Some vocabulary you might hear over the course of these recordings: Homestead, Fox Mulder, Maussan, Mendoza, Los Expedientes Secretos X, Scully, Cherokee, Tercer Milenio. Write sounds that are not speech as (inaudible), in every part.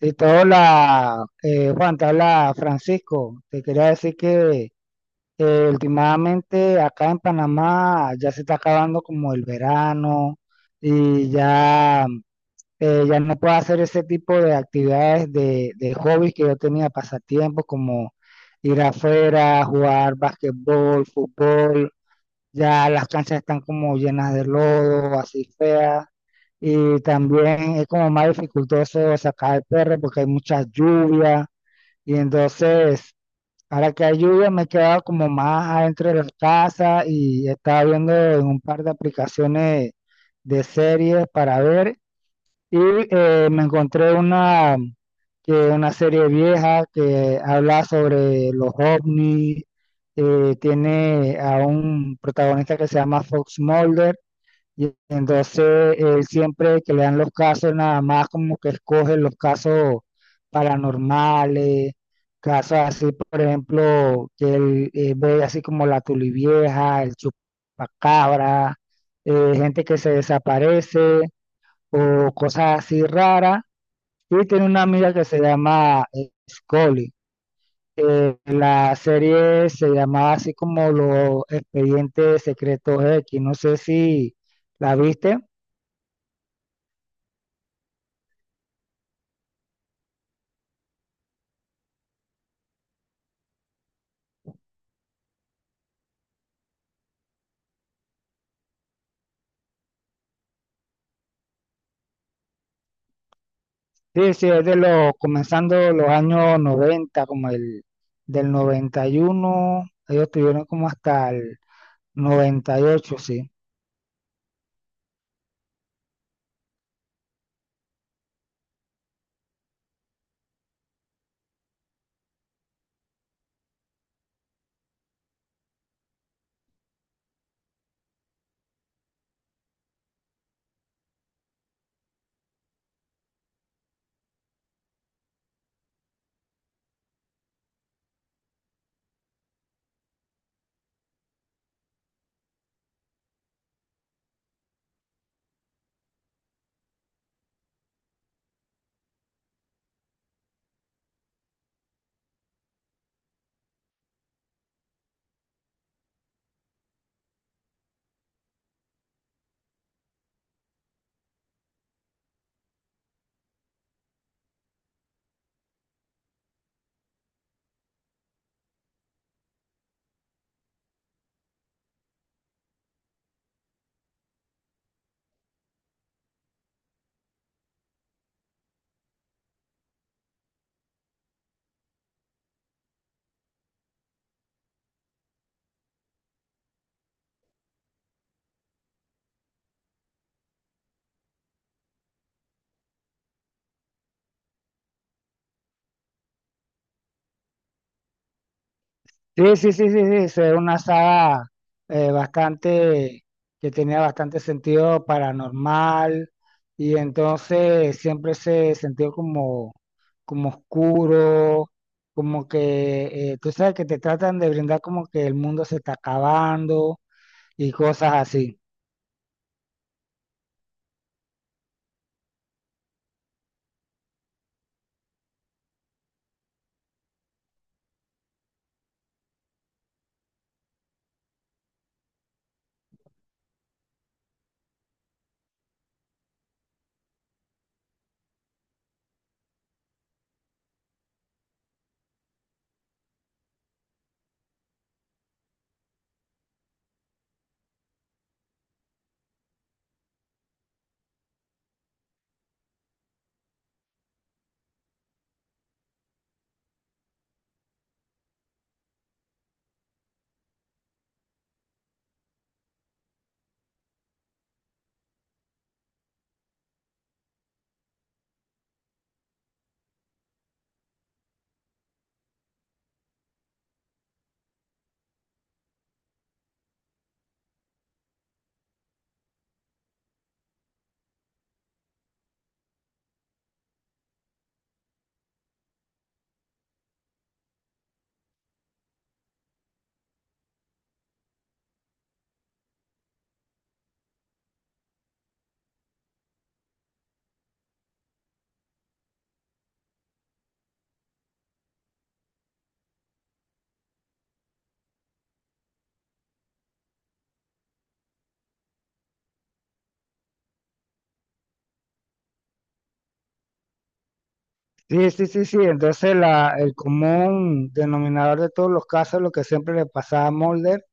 Listo, hola, Juan, te habla Francisco. Te quería decir que últimamente acá en Panamá ya se está acabando como el verano y ya, ya no puedo hacer ese tipo de actividades de hobbies que yo tenía, pasatiempos como ir afuera, jugar basquetbol, fútbol. Ya las canchas están como llenas de lodo, así feas, y también es como más dificultoso sacar el perro porque hay mucha lluvia. Y entonces, ahora que hay lluvia, me he quedado como más adentro de la casa y estaba viendo en un par de aplicaciones de series para ver. Y me encontré una, que una serie vieja que habla sobre los ovnis. Tiene a un protagonista que se llama Fox Mulder, y entonces él, siempre que le dan los casos, nada más como que escoge los casos paranormales, casos así, por ejemplo, que él ve, así como la Tulivieja, el Chupacabra, gente que se desaparece o cosas así raras. Y tiene una amiga que se llama, Scully. La serie se llamaba así como Los Expedientes Secretos X. No sé si la viste. Sí, sí, es de los, comenzando los años 90, como el del noventa y uno. Ellos tuvieron como hasta el 98, sí. Sí, sí, sí, sí, sí, sí, eso era una saga, bastante, que tenía bastante sentido paranormal, y entonces siempre se sintió como, como oscuro, como que, tú sabes que te tratan de brindar como que el mundo se está acabando y cosas así. Sí, sí, sí, sí. Entonces la, el común denominador de todos los casos, lo que siempre le pasaba a Mulder,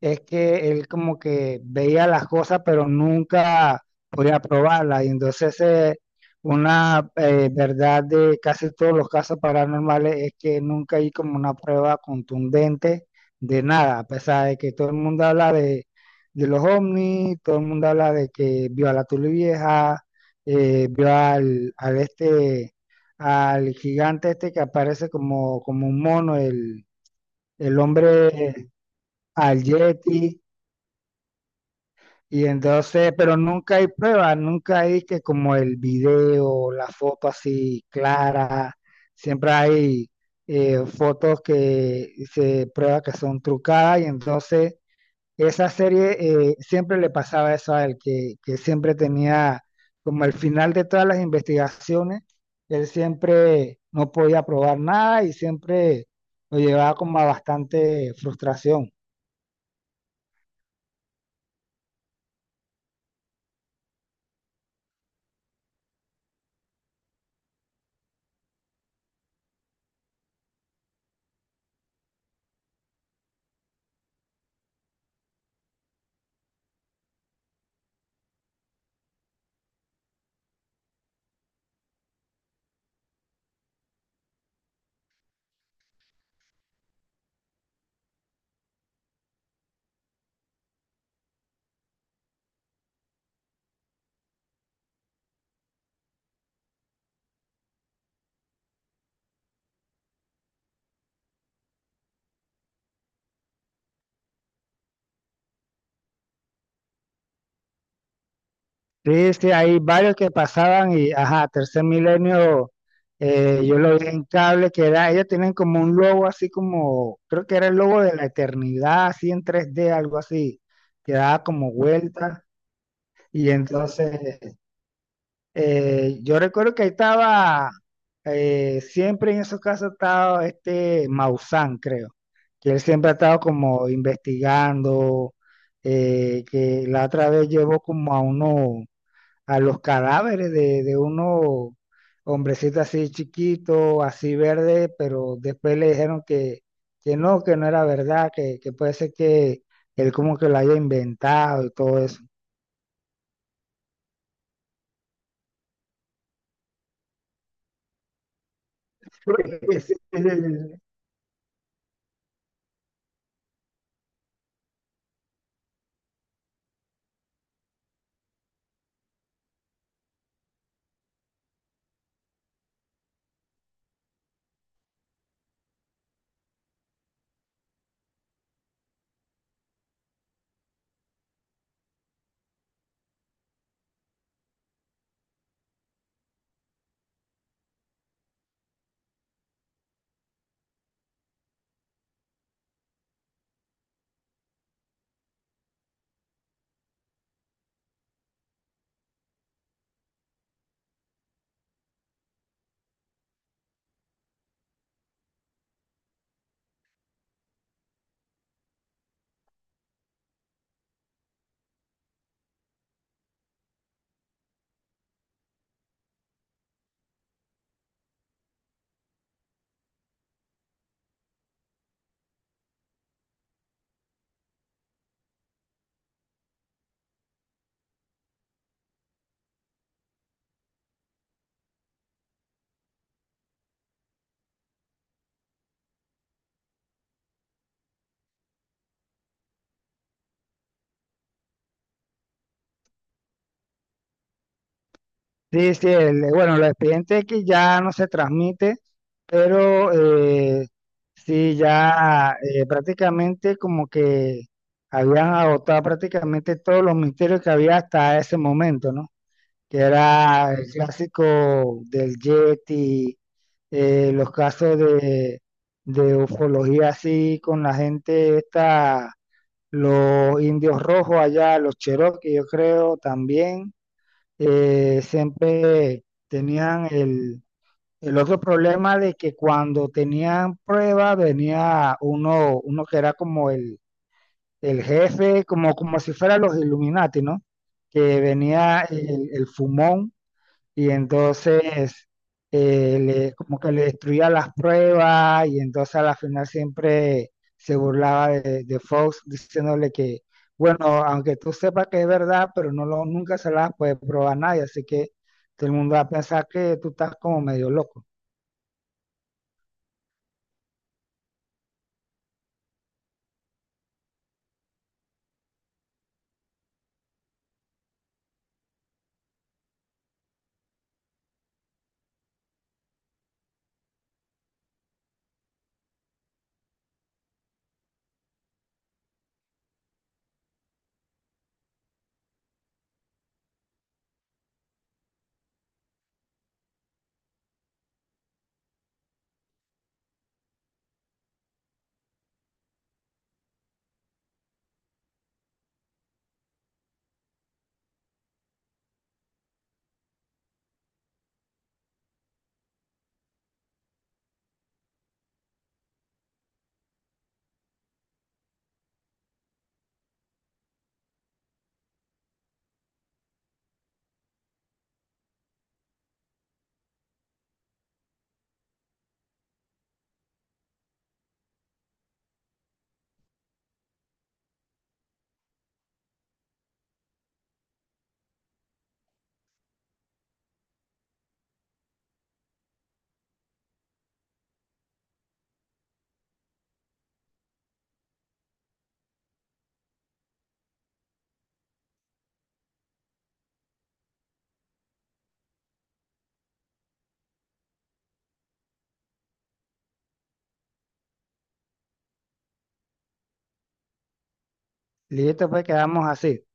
es que él como que veía las cosas, pero nunca podía probarlas. Y entonces, una verdad de casi todos los casos paranormales es que nunca hay como una prueba contundente de nada, a pesar de que todo el mundo habla de los ovnis, todo el mundo habla de que vio a la Tulivieja, vio al, al este, al gigante este que aparece como, como un mono, el hombre, al Yeti. Y entonces, pero nunca hay pruebas, nunca hay, que como el video, la foto así clara, siempre hay fotos que se prueba que son trucadas. Y entonces esa serie, siempre le pasaba eso a él, que siempre tenía como el final de todas las investigaciones, él siempre no podía probar nada y siempre lo llevaba como a bastante frustración. Sí, sí, hay varios que pasaban y, ajá, Tercer Milenio, yo lo vi en cable, que era, ellos tienen como un logo así como, creo que era el logo de la eternidad, así en tres d algo así, que daba como vuelta. Y entonces, yo recuerdo que ahí estaba, siempre en esos casos estaba este Maussan, creo, que él siempre ha estado como investigando, que la otra vez llevó como a uno, a los cadáveres de unos hombrecitos así chiquitos, así verde, pero después le dijeron que no era verdad, que puede ser que él como que lo haya inventado y todo eso. (laughs) Sí, sí, el- bueno, los expedientes que ya no se transmite, pero sí, ya prácticamente como que habían agotado prácticamente todos los misterios que había hasta ese momento, ¿no? Que era el clásico del Yeti, los casos de ufología así con la gente esta, los indios rojos allá, los Cherokee, yo creo también, siempre tenían el otro problema de que cuando tenían prueba venía uno, uno que era como el jefe, como, como si fuera los Illuminati, ¿no? Que venía el fumón, y entonces le, como que le destruía las pruebas, y entonces a la final siempre se burlaba de Fox diciéndole que, bueno, aunque tú sepas que es verdad, pero no lo, nunca se la puede probar a nadie, así que todo el mundo va a pensar que tú estás como medio loco. Listo, pues quedamos así.